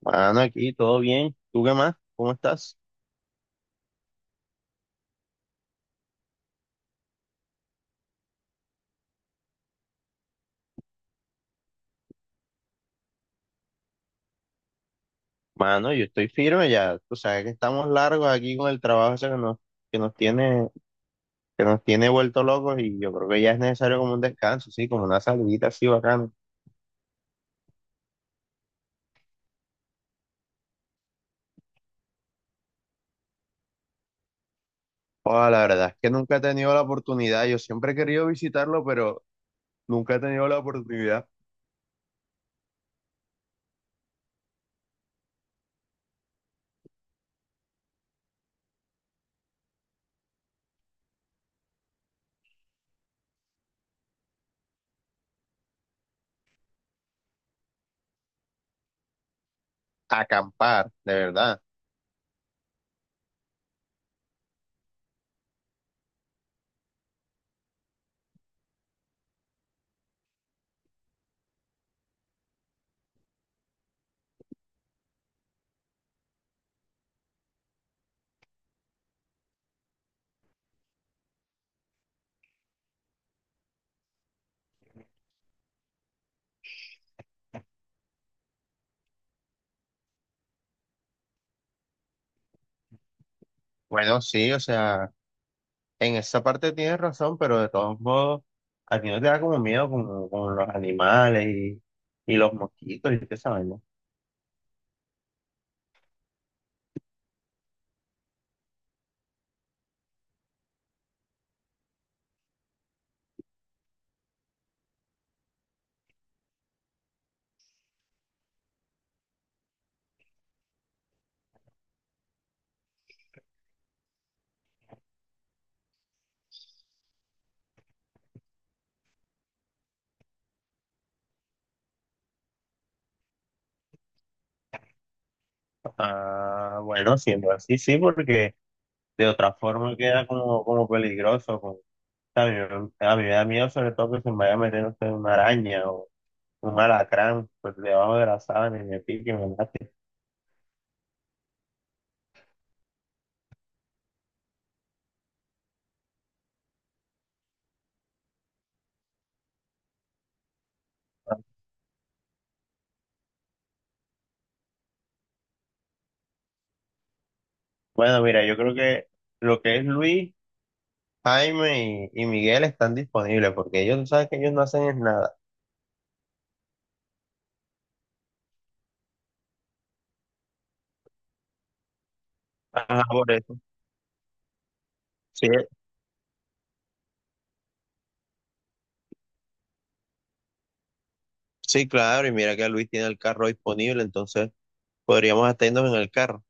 Mano, aquí todo bien. ¿Tú qué más? ¿Cómo estás? Mano, yo estoy firme ya. Tú sabes que estamos largos aquí con el trabajo ese que nos tiene, que nos tiene vuelto locos y yo creo que ya es necesario como un descanso, sí, como una salidita así bacana. Joda, la verdad es que nunca he tenido la oportunidad. Yo siempre he querido visitarlo, pero nunca he tenido la oportunidad. Acampar, de verdad. Bueno, sí, o sea, en esa parte tienes razón, pero de todos modos, a ti no te da como miedo con los animales y los mosquitos y qué sabemos. Ah, bueno, siendo así, sí, porque de otra forma queda como, como peligroso. A mí, a mí me da miedo sobre todo que se me vaya a meter no sé, una araña o un alacrán pues, debajo de la sábana y me pique y me mate. Bueno, mira, yo creo que lo que es Luis, Jaime y Miguel están disponibles porque ellos, tú sabes que ellos no hacen es nada. Ajá, por eso. Sí, sí, claro, y mira que Luis tiene el carro disponible, entonces podríamos atendernos en el carro.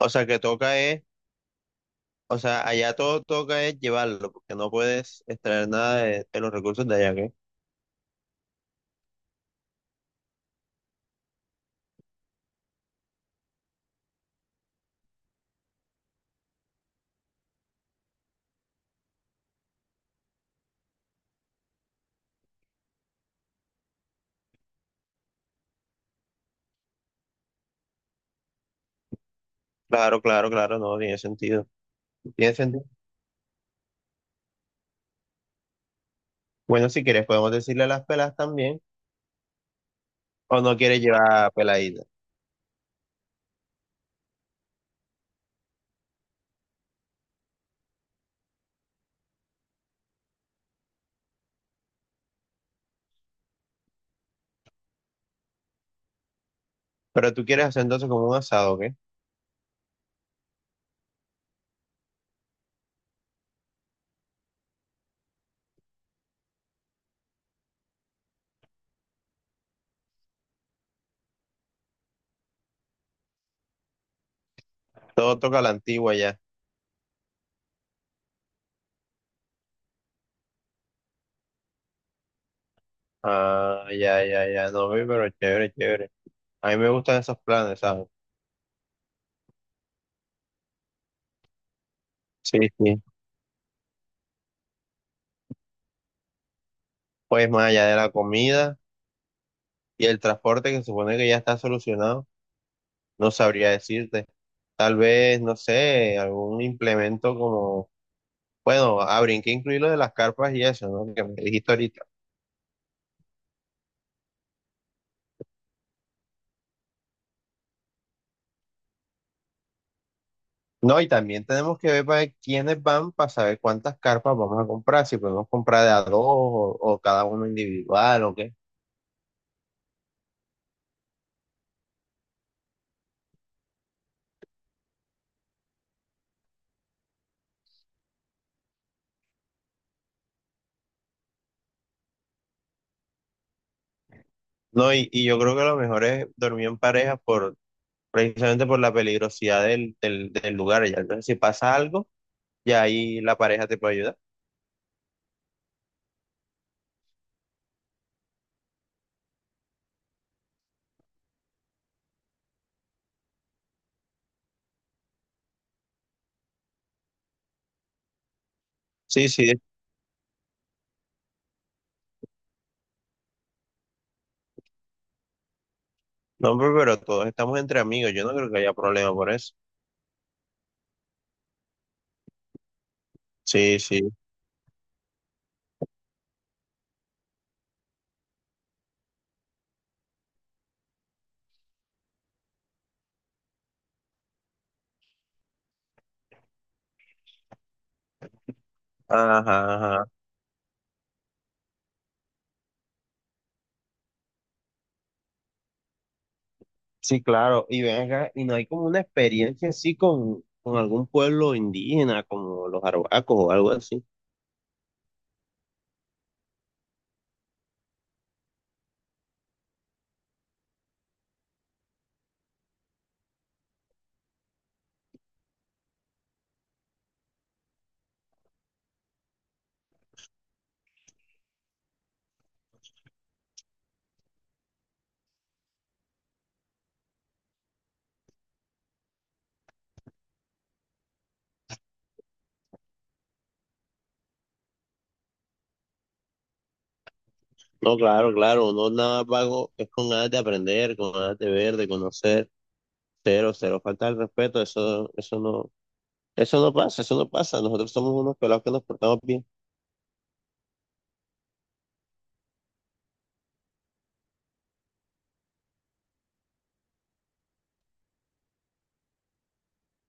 O sea, o sea, allá todo toca es llevarlo, porque no puedes extraer nada de los recursos de allá, ¿qué? Claro, claro, claro, no, tiene sentido. Tiene sentido. Bueno, si quieres podemos decirle a las pelas también, o no quieres llevar peladitas. Pero tú quieres hacer entonces como un asado, ¿qué? Todo toca a la antigua ya. Ah, ya, ya, ya, no, ve, pero chévere, chévere. A mí me gustan esos planes, ¿sabes? Sí, sí. Pues más allá de la comida y el transporte, que se supone que ya está solucionado, no sabría decirte. Tal vez, no sé, algún implemento como, bueno, habría que incluir lo de las carpas y eso, ¿no? Que me dijiste ahorita. No, y también tenemos que ver para quiénes van para saber cuántas carpas vamos a comprar, si podemos comprar de a dos o cada uno individual o qué. No, y yo creo que lo mejor es dormir en pareja por, precisamente por la peligrosidad del lugar. Ya, entonces, si pasa algo, ya ahí la pareja te puede ayudar. Sí, sí, no, pero todos estamos entre amigos, yo no creo que haya problema por eso. Sí, sí, ajá, ajá. Sí, claro, y ven acá, y no hay como una experiencia así con algún pueblo indígena, como los arhuacos o algo así. No, claro, claro, no nada pago, es con ganas de aprender, con ganas de ver, de conocer, cero, cero, falta el respeto, eso, eso no pasa, nosotros somos unos pelados que nos portamos bien.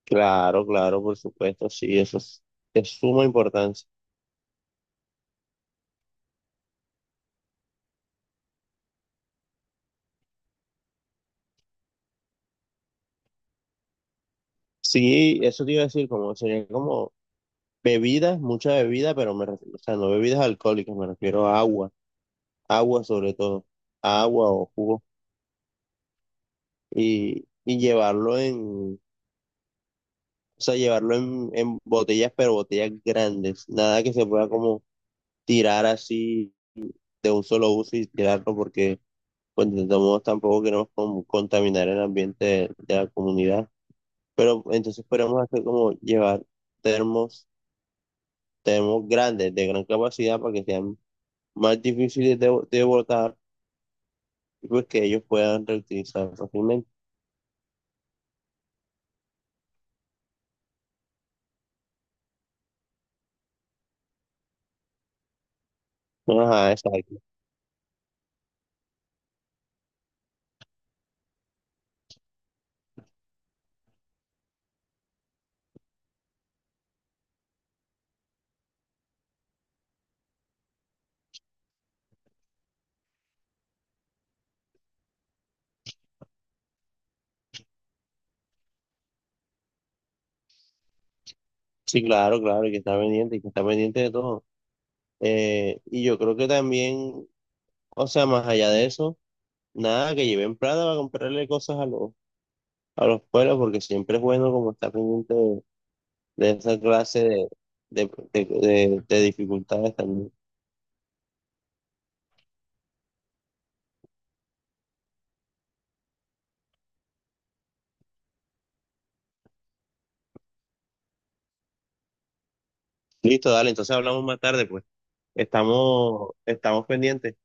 Claro, claro, por supuesto, sí, eso es de suma importancia. Sí, eso te iba a decir, como sería como bebidas, mucha bebida, pero me refiero, o sea, no bebidas alcohólicas, me refiero a agua, agua sobre todo, agua o jugo, y llevarlo en, o sea, llevarlo en botellas, pero botellas grandes, nada que se pueda como tirar así de un solo uso y tirarlo porque, pues, de todos modos tampoco queremos como contaminar el ambiente de la comunidad, pero entonces podemos hacer como llevar termos, termos grandes, de gran capacidad para que sean más difíciles de botar y pues que ellos puedan reutilizar fácilmente. Ajá, exacto. Sí, claro, claro, y que está pendiente, y que está pendiente de todo. Y yo creo que también, o sea, más allá de eso, nada, que lleven plata para comprarle cosas a los pueblos, porque siempre es bueno como estar pendiente de esa clase de dificultades también. Listo, dale, entonces hablamos más tarde, pues. Estamos, estamos pendientes.